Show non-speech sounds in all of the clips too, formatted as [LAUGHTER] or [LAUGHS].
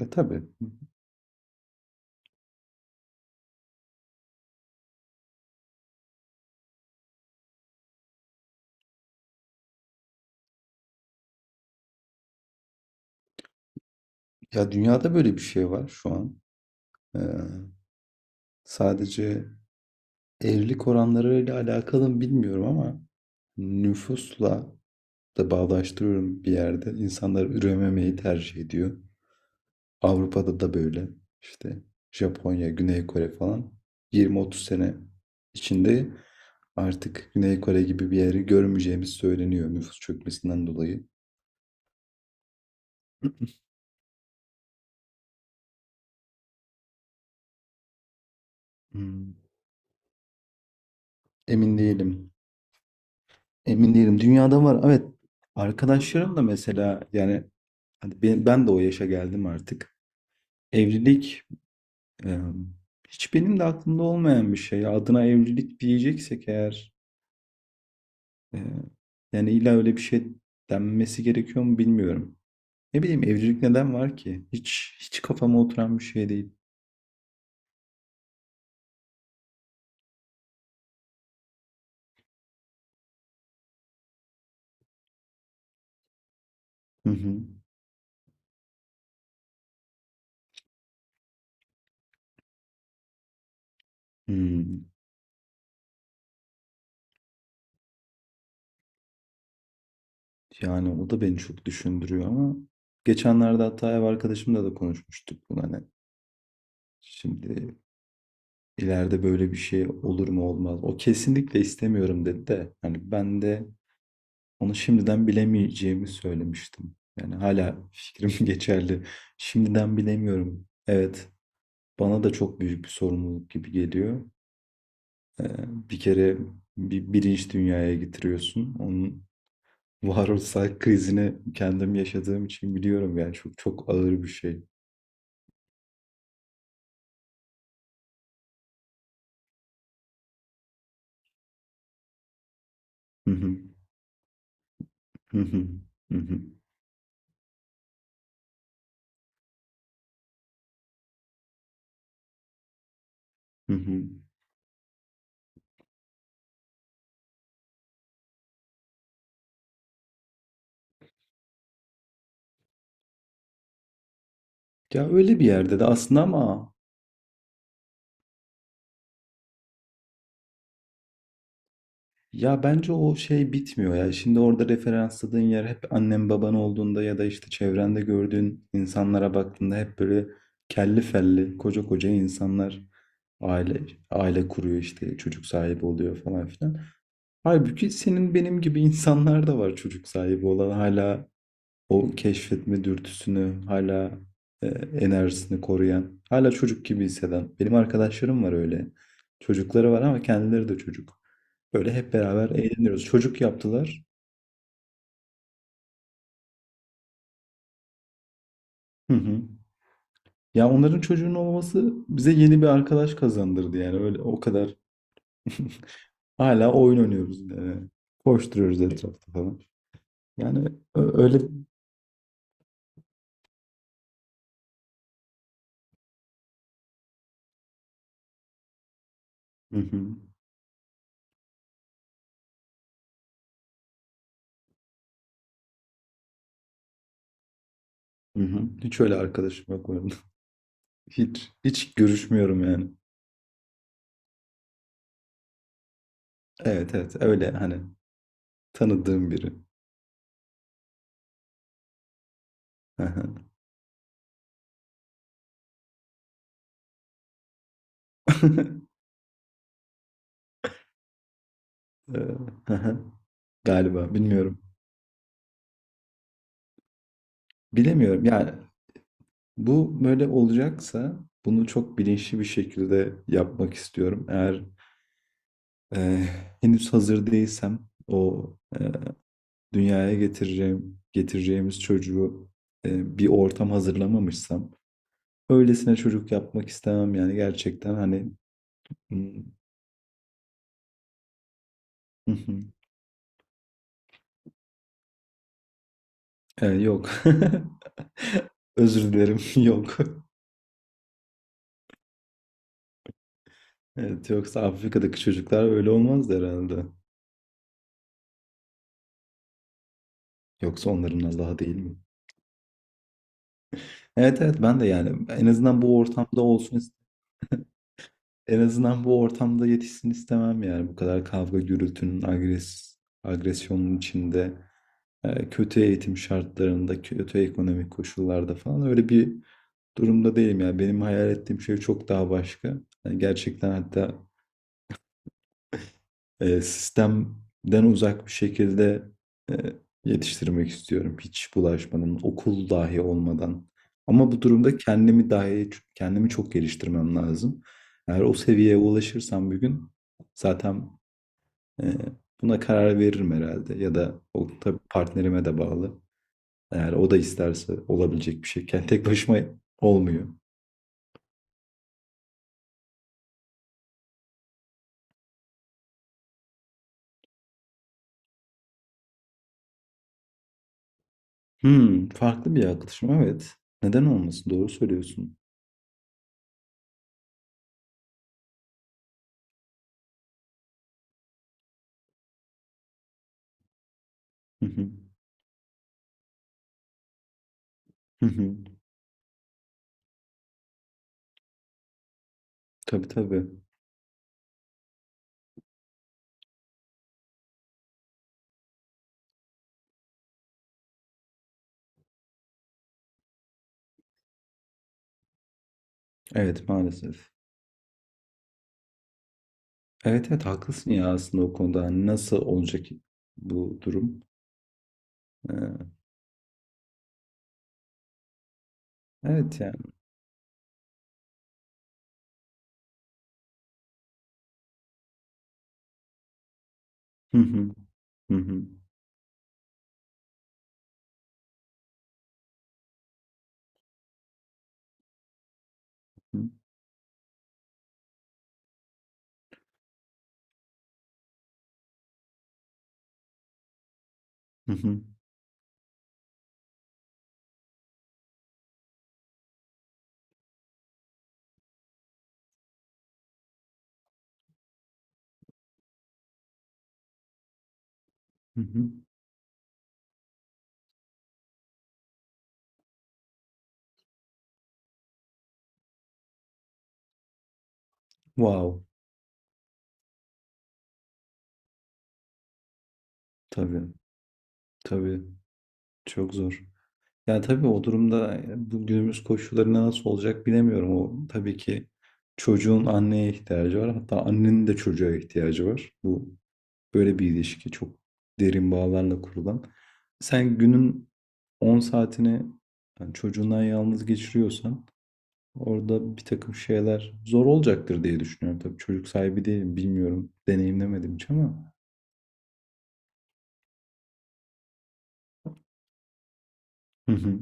E tabii. Ya dünyada böyle bir şey var şu an. Ee, Sadece evlilik oranlarıyla alakalı mı bilmiyorum ama nüfusla da bağdaştırıyorum bir yerde. İnsanlar ürememeyi tercih ediyor. Avrupa'da da böyle işte Japonya, Güney Kore falan 20-30 sene içinde artık Güney Kore gibi bir yeri görmeyeceğimiz söyleniyor nüfus çökmesinden dolayı. [CLEARS THROAT] Hmm, Emin değilim. Emin değilim. Dünyada var. Evet. Arkadaşlarım da mesela yani hani ben de o yaşa geldim artık. Evlilik e, hiç benim de aklımda olmayan bir şey. Adına evlilik diyeceksek eğer e, yani illa öyle bir şey denmesi gerekiyor mu bilmiyorum. Ne bileyim evcilik neden var ki? Hiç kafama oturan bir şey değil. Hı hı. Hmm. Yani o da beni çok düşündürüyor ama geçenlerde hatta ev arkadaşımla da konuşmuştuk bunu hani şimdi ileride böyle bir şey olur mu olmaz. O kesinlikle istemiyorum dedi de hani ben de onu şimdiden bilemeyeceğimi söylemiştim. Yani hala fikrim [LAUGHS] geçerli. Şimdiden bilemiyorum. Evet, bana da çok büyük bir sorumluluk gibi geliyor. Ee, Bir kere bir bilinç dünyaya getiriyorsun. Onun varoluşsal [LAUGHS] krizini kendim yaşadığım için biliyorum yani çok çok ağır bir şey. Hı hı, hı hı, hı hı, hı hı. Ya öyle bir yerde de aslında ama ya bence o şey bitmiyor ya. Şimdi orada referansladığın yer hep annen baban olduğunda ya da işte çevrende gördüğün insanlara baktığında hep böyle kelli felli koca koca insanlar aile aile kuruyor işte çocuk sahibi oluyor falan filan. Halbuki senin benim gibi insanlar da var çocuk sahibi olan hala o keşfetme dürtüsünü, hala e, enerjisini koruyan, hala çocuk gibi hisseden. Benim arkadaşlarım var öyle. Çocukları var ama kendileri de çocuk. Böyle hep beraber eğleniyoruz. Çocuk yaptılar. Hı hı. Ya onların çocuğunun olması bize yeni bir arkadaş kazandırdı yani öyle o kadar. [LAUGHS] Hala oyun oynuyoruz yani. Koşturuyoruz etrafta falan. Yani öyle. Hı hı. Hı hı. Hiç öyle arkadaşım yok benim. Hiç görüşmüyorum yani. Evet evet öyle hani tanıdığım biri. Hı hı. [LAUGHS] Eee, hı hı. Galiba bilmiyorum. Bilemiyorum yani bu böyle olacaksa bunu çok bilinçli bir şekilde yapmak istiyorum. Eğer eee, henüz hazır değilsem o eee, dünyaya getireceğimiz çocuğu bir ortam hazırlamamışsam öylesine çocuk yapmak istemem yani gerçekten hani. hmm, hı hı. Yok. [LAUGHS] Özür dilerim. [LAUGHS] Yok. Evet, yoksa Afrika'daki çocuklar öyle olmaz herhalde. Yoksa onların Allah'ı değil mi? Evet evet ben de yani en azından bu ortamda olsun en azından bu ortamda yetişsin istemem yani bu kadar kavga gürültünün agresyonun içinde kötü eğitim şartlarında kötü ekonomik koşullarda falan öyle bir durumda değilim yani benim hayal ettiğim şey çok daha başka. Yani gerçekten hatta sistemden uzak bir şekilde e, yetiştirmek istiyorum. Hiç bulaşmadan, okul dahi olmadan. Ama bu durumda kendimi çok geliştirmem lazım. Eğer o seviyeye ulaşırsam bir gün zaten e, buna karar veririm herhalde. Ya da o tabii partnerime de bağlı. Eğer o da isterse olabilecek bir şey. Yani tek başıma olmuyor. Hmm, farklı bir yaklaşım evet. Neden olmasın? Doğru söylüyorsun. Hı hı. Hı hı. Tabii tabii. Evet maalesef. Evet evet haklısın ya aslında o konuda. Hani nasıl olacak bu durum? Ee, evet yani. Hı hı. Hı hı. Hı hı. Hı hı. Wow. Tabii. Tabii. Çok zor. Yani tabii o durumda bu günümüz koşullarında nasıl olacak bilemiyorum. O tabii ki çocuğun anneye ihtiyacı var. Hatta annenin de çocuğa ihtiyacı var. Bu böyle bir ilişki çok derin bağlarla kurulan. Sen günün 10 saatini yani çocuğundan yalnız geçiriyorsan orada bir takım şeyler zor olacaktır diye düşünüyorum. Tabii çocuk sahibi değilim, bilmiyorum. Deneyimlemedim hiç ama. Hı hı.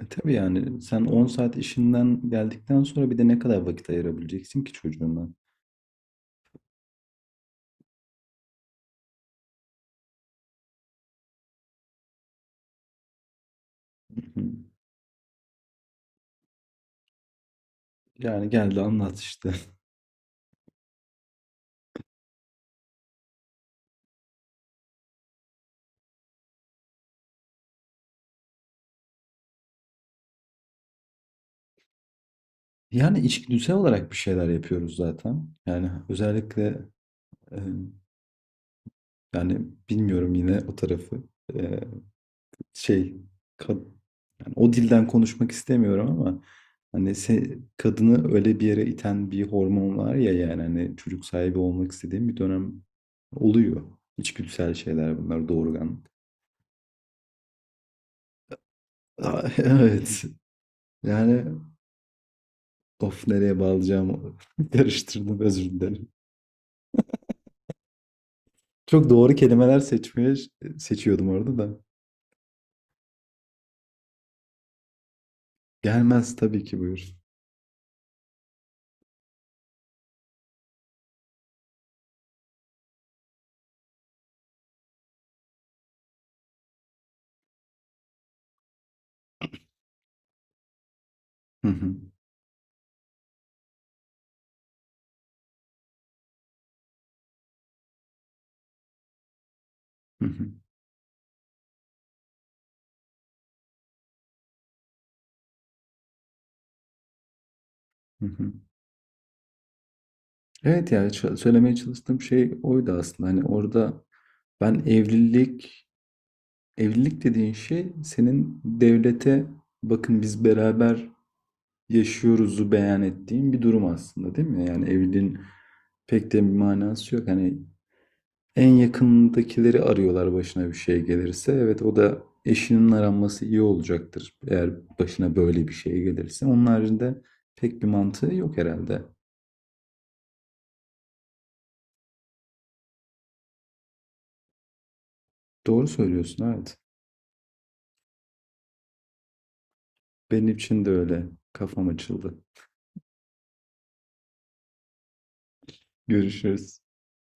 E tabii yani sen 10 saat işinden geldikten sonra bir de ne kadar vakit ayırabileceksin ki çocuğuna? Hı hı. Yani geldi anlat işte. [LAUGHS] Yani içgüdüsel olarak bir şeyler yapıyoruz zaten. Yani özellikle e, yani bilmiyorum yine o tarafı. E, şey kad- O dilden konuşmak istemiyorum ama hani kadını öyle bir yere iten bir hormon var ya yani hani çocuk sahibi olmak istediğim bir dönem oluyor. İçgüdüsel şeyler bunlar doğurgan. Aa, [LAUGHS] evet. Yani of nereye bağlayacağımı [LAUGHS] karıştırdım özür dilerim. Çok doğru kelimeler seçiyordum orada da. Gelmez tabii ki buyur. Hı hı, hı hı, hı hı. Evet yani söylemeye çalıştığım şey oydu aslında. Hani orada ben evlilik evlilik dediğin şey senin devlete bakın biz beraber yaşıyoruzu beyan ettiğin bir durum aslında değil mi? Yani evliliğin pek de bir manası yok. Hani en yakındakileri arıyorlar başına bir şey gelirse. Evet o da eşinin aranması iyi olacaktır. Eğer başına böyle bir şey gelirse. Onun haricinde pek bir mantığı yok herhalde. Doğru söylüyorsun evet. Benim için de öyle. Kafam açıldı. Görüşürüz.